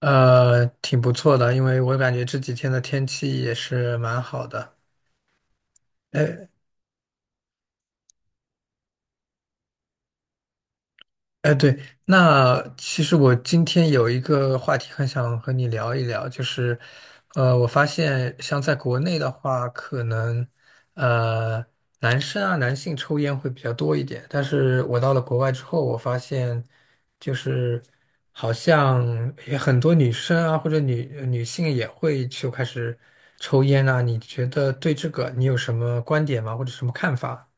挺不错的，因为我感觉这几天的天气也是蛮好的。哎，对，那其实我今天有一个话题很想和你聊一聊，就是，我发现像在国内的话，可能，呃，男生啊，男性抽烟会比较多一点，但是我到了国外之后，我发现，就是好像也很多女生啊，或者女性也会就开始抽烟啊，你觉得对这个你有什么观点吗？或者什么看法？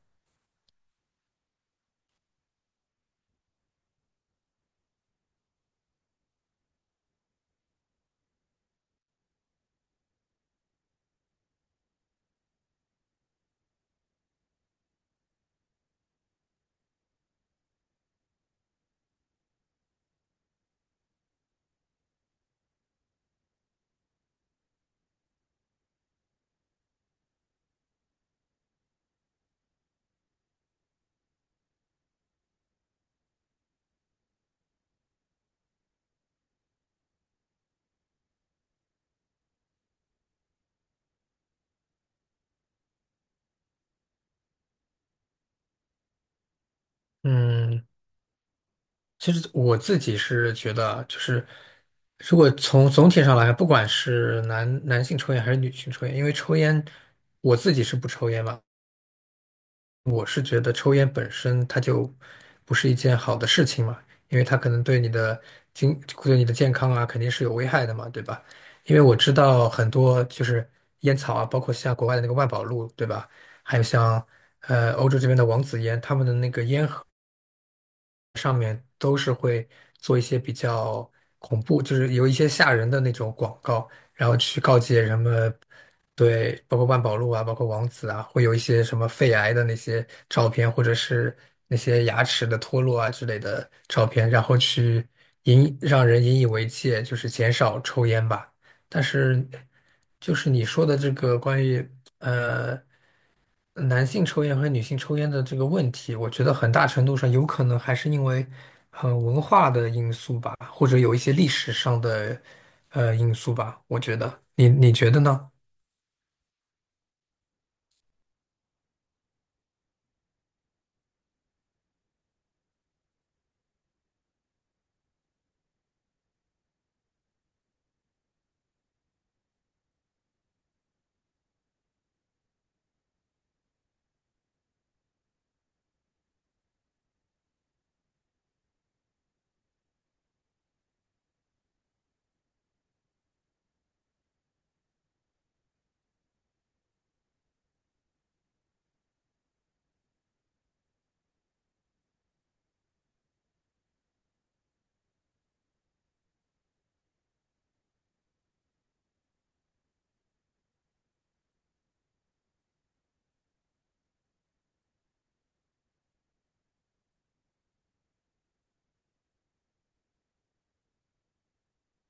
嗯。其实我自己是觉得啊就是如果从总体上来看不管是男性抽烟还是女性抽烟，因为抽烟，我自己是不抽烟嘛，我是觉得抽烟本身它就不是一件好的事情嘛，因为它可能对你的对你的健康啊肯定是有危害的嘛，对吧？因为我知道很多就是烟草啊，包括像国外的那个万宝路，对吧？还有像欧洲这边的王子烟，他们的那个烟盒。都是会做一些比较恐怖，就是有一些吓人的那种广告，然后去告诫人们，对，包括万宝路啊，包括王子啊，会有一些什么肺癌的那些照片，或者是那些牙齿的脱落啊之类的照片，然后去让人引以为戒，就是减少抽烟吧。但是，就是你说的这个关于。男性抽烟和女性抽烟的这个问题，我觉得很大程度上有可能还是因为，文化的因素吧，或者有一些历史上的，因素吧。我觉得，你觉得呢？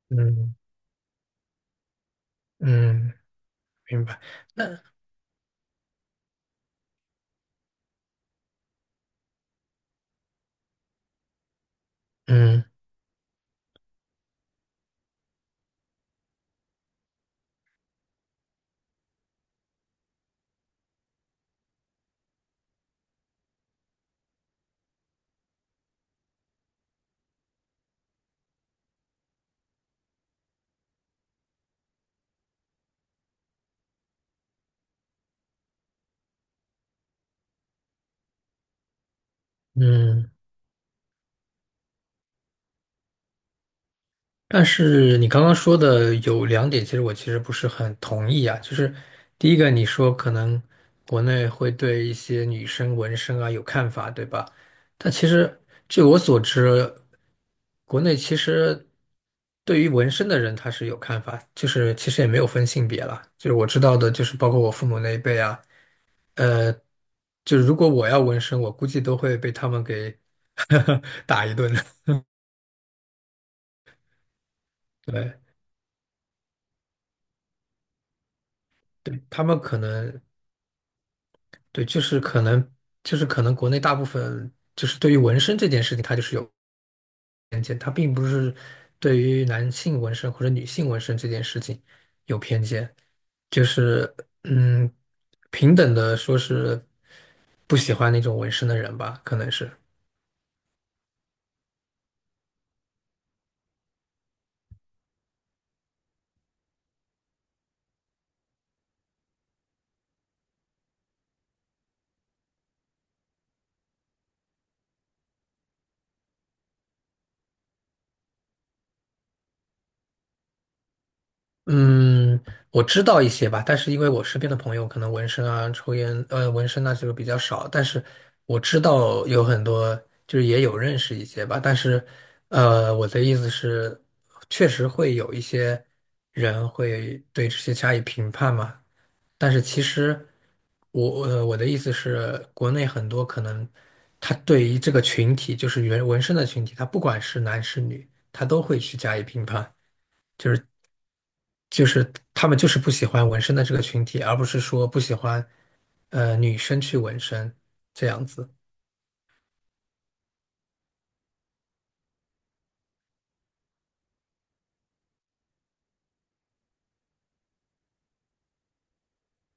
嗯嗯，明白。那嗯嗯。但是你刚刚说的有两点，其实我其实不是很同意啊。就是第一个，你说可能国内会对一些女生纹身啊有看法，对吧？但其实据我所知，国内其实对于纹身的人他是有看法，就是其实也没有分性别啦。就是我知道的，就是包括我父母那一辈啊，呃，就是如果我要纹身，我估计都会被他们给 打一顿 对。对，他们可能对，就是可能，就是可能国内大部分就是对于纹身这件事情，它就是有偏见，它并不是对于男性纹身或者女性纹身这件事情有偏见，就是嗯，平等的说是不喜欢那种纹身的人吧，可能是。嗯，我知道一些吧，但是因为我身边的朋友可能纹身啊、抽烟，纹身啊这个比较少，但是我知道有很多，就是也有认识一些吧，但是，我的意思是，确实会有一些人会对这些加以评判嘛，但是其实我，我的意思是，国内很多可能他对于这个群体，就是纹身的群体，他不管是男是女，他都会去加以评判。就是。就是他们就是不喜欢纹身的这个群体，而不是说不喜欢女生去纹身这样子。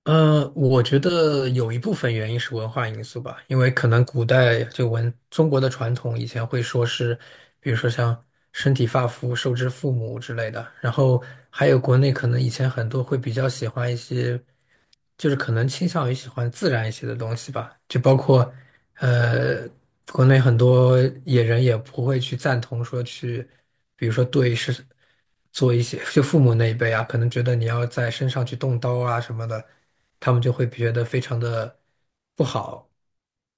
我觉得有一部分原因是文化因素吧，因为可能古代中国的传统以前会说是，比如说像身体发肤受之父母之类的，然后还有国内可能以前很多会比较喜欢一些。就是可能倾向于喜欢自然一些的东西吧，就包括，呃，国内很多野人也不会去赞同说去，比如说做一些，就父母那一辈啊，可能觉得你要在身上去动刀啊什么的，他们就会觉得非常的不好，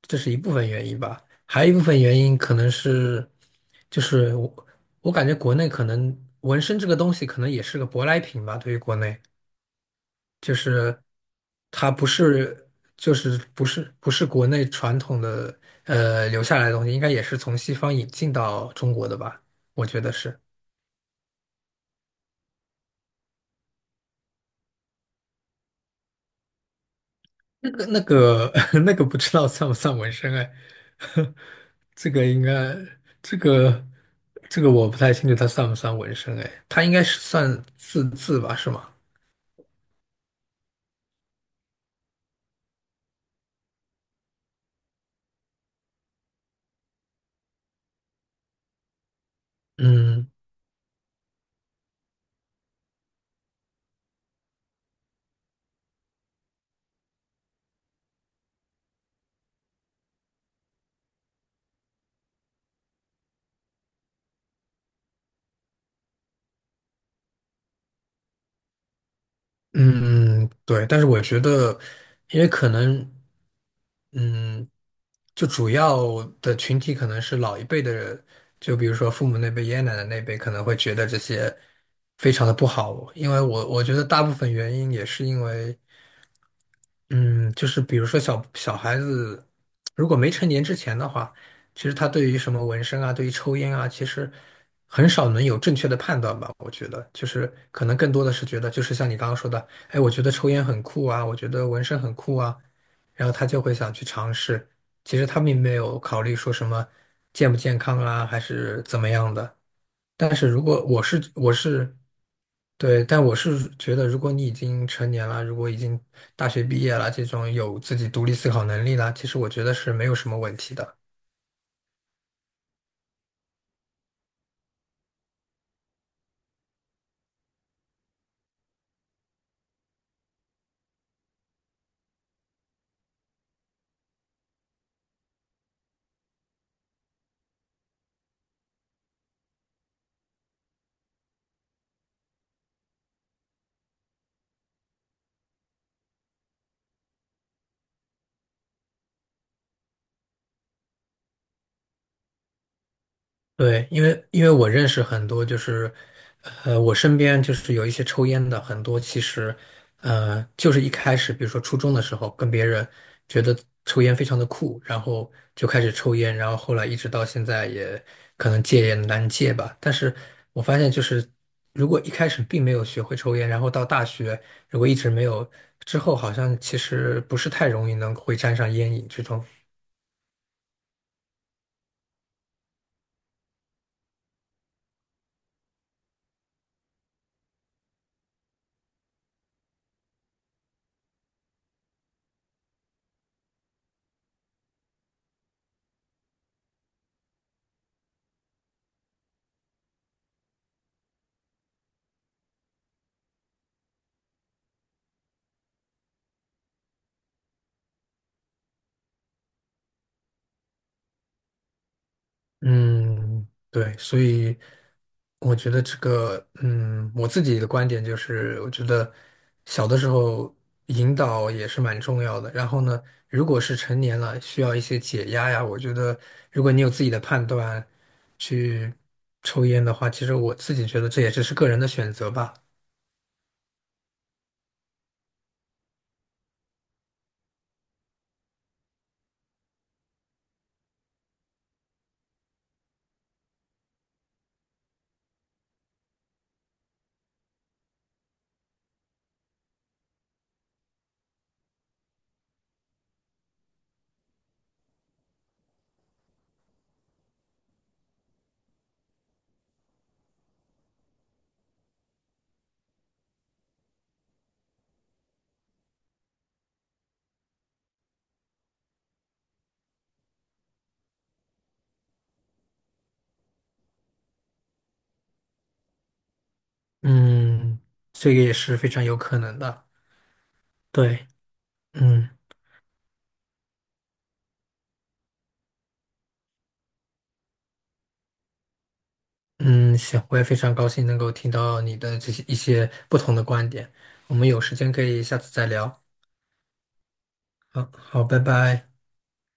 这是一部分原因吧，还有一部分原因可能是，就是我我感觉国内可能纹身这个东西可能也是个舶来品吧，对于国内。就是它不是不是国内传统的留下来的东西，应该也是从西方引进到中国的吧？我觉得是。那个 那个不知道算不算纹身哎，这个应该这个这个我不太清楚它算不算纹身哎，它应该是算字吧，是吗？嗯。嗯，对，但是我觉得，因为可能，嗯，就主要的群体可能是老一辈的人，就比如说父母那辈、爷爷奶奶那辈，可能会觉得这些非常的不好，因为我觉得大部分原因也是因为。嗯，就是比如说小孩子，如果没成年之前的话，其实他对于什么纹身啊，对于抽烟啊，其实很少能有正确的判断吧。我觉得，就是可能更多的是觉得，就是像你刚刚说的，哎，我觉得抽烟很酷啊，我觉得纹身很酷啊，然后他就会想去尝试。其实他并没有考虑说什么健不健康啊，还是怎么样的。但是如果我是我是对，但我是觉得，如果你已经成年了，如果已经大学毕业了，这种有自己独立思考能力了，其实我觉得是没有什么问题的。对，因为我认识很多，就是，我身边就是有一些抽烟的，很多其实，就是一开始，比如说初中的时候，跟别人觉得抽烟非常的酷，然后就开始抽烟，然后后来一直到现在也可能戒也难戒吧。但是我发现就是，如果一开始并没有学会抽烟，然后到大学如果一直没有，之后好像其实不是太容易能会沾上烟瘾这种。嗯，对，所以。我觉得这个，我自己的观点就是，我觉得小的时候引导也是蛮重要的。然后呢，如果是成年了，需要一些解压呀，我觉得如果你有自己的判断去抽烟的话，其实我自己觉得这也只是个人的选择吧。嗯，这个也是非常有可能的。对，嗯嗯，行，我也非常高兴能够听到你的这些一些不同的观点。我们有时间可以下次再聊。好，好，拜拜。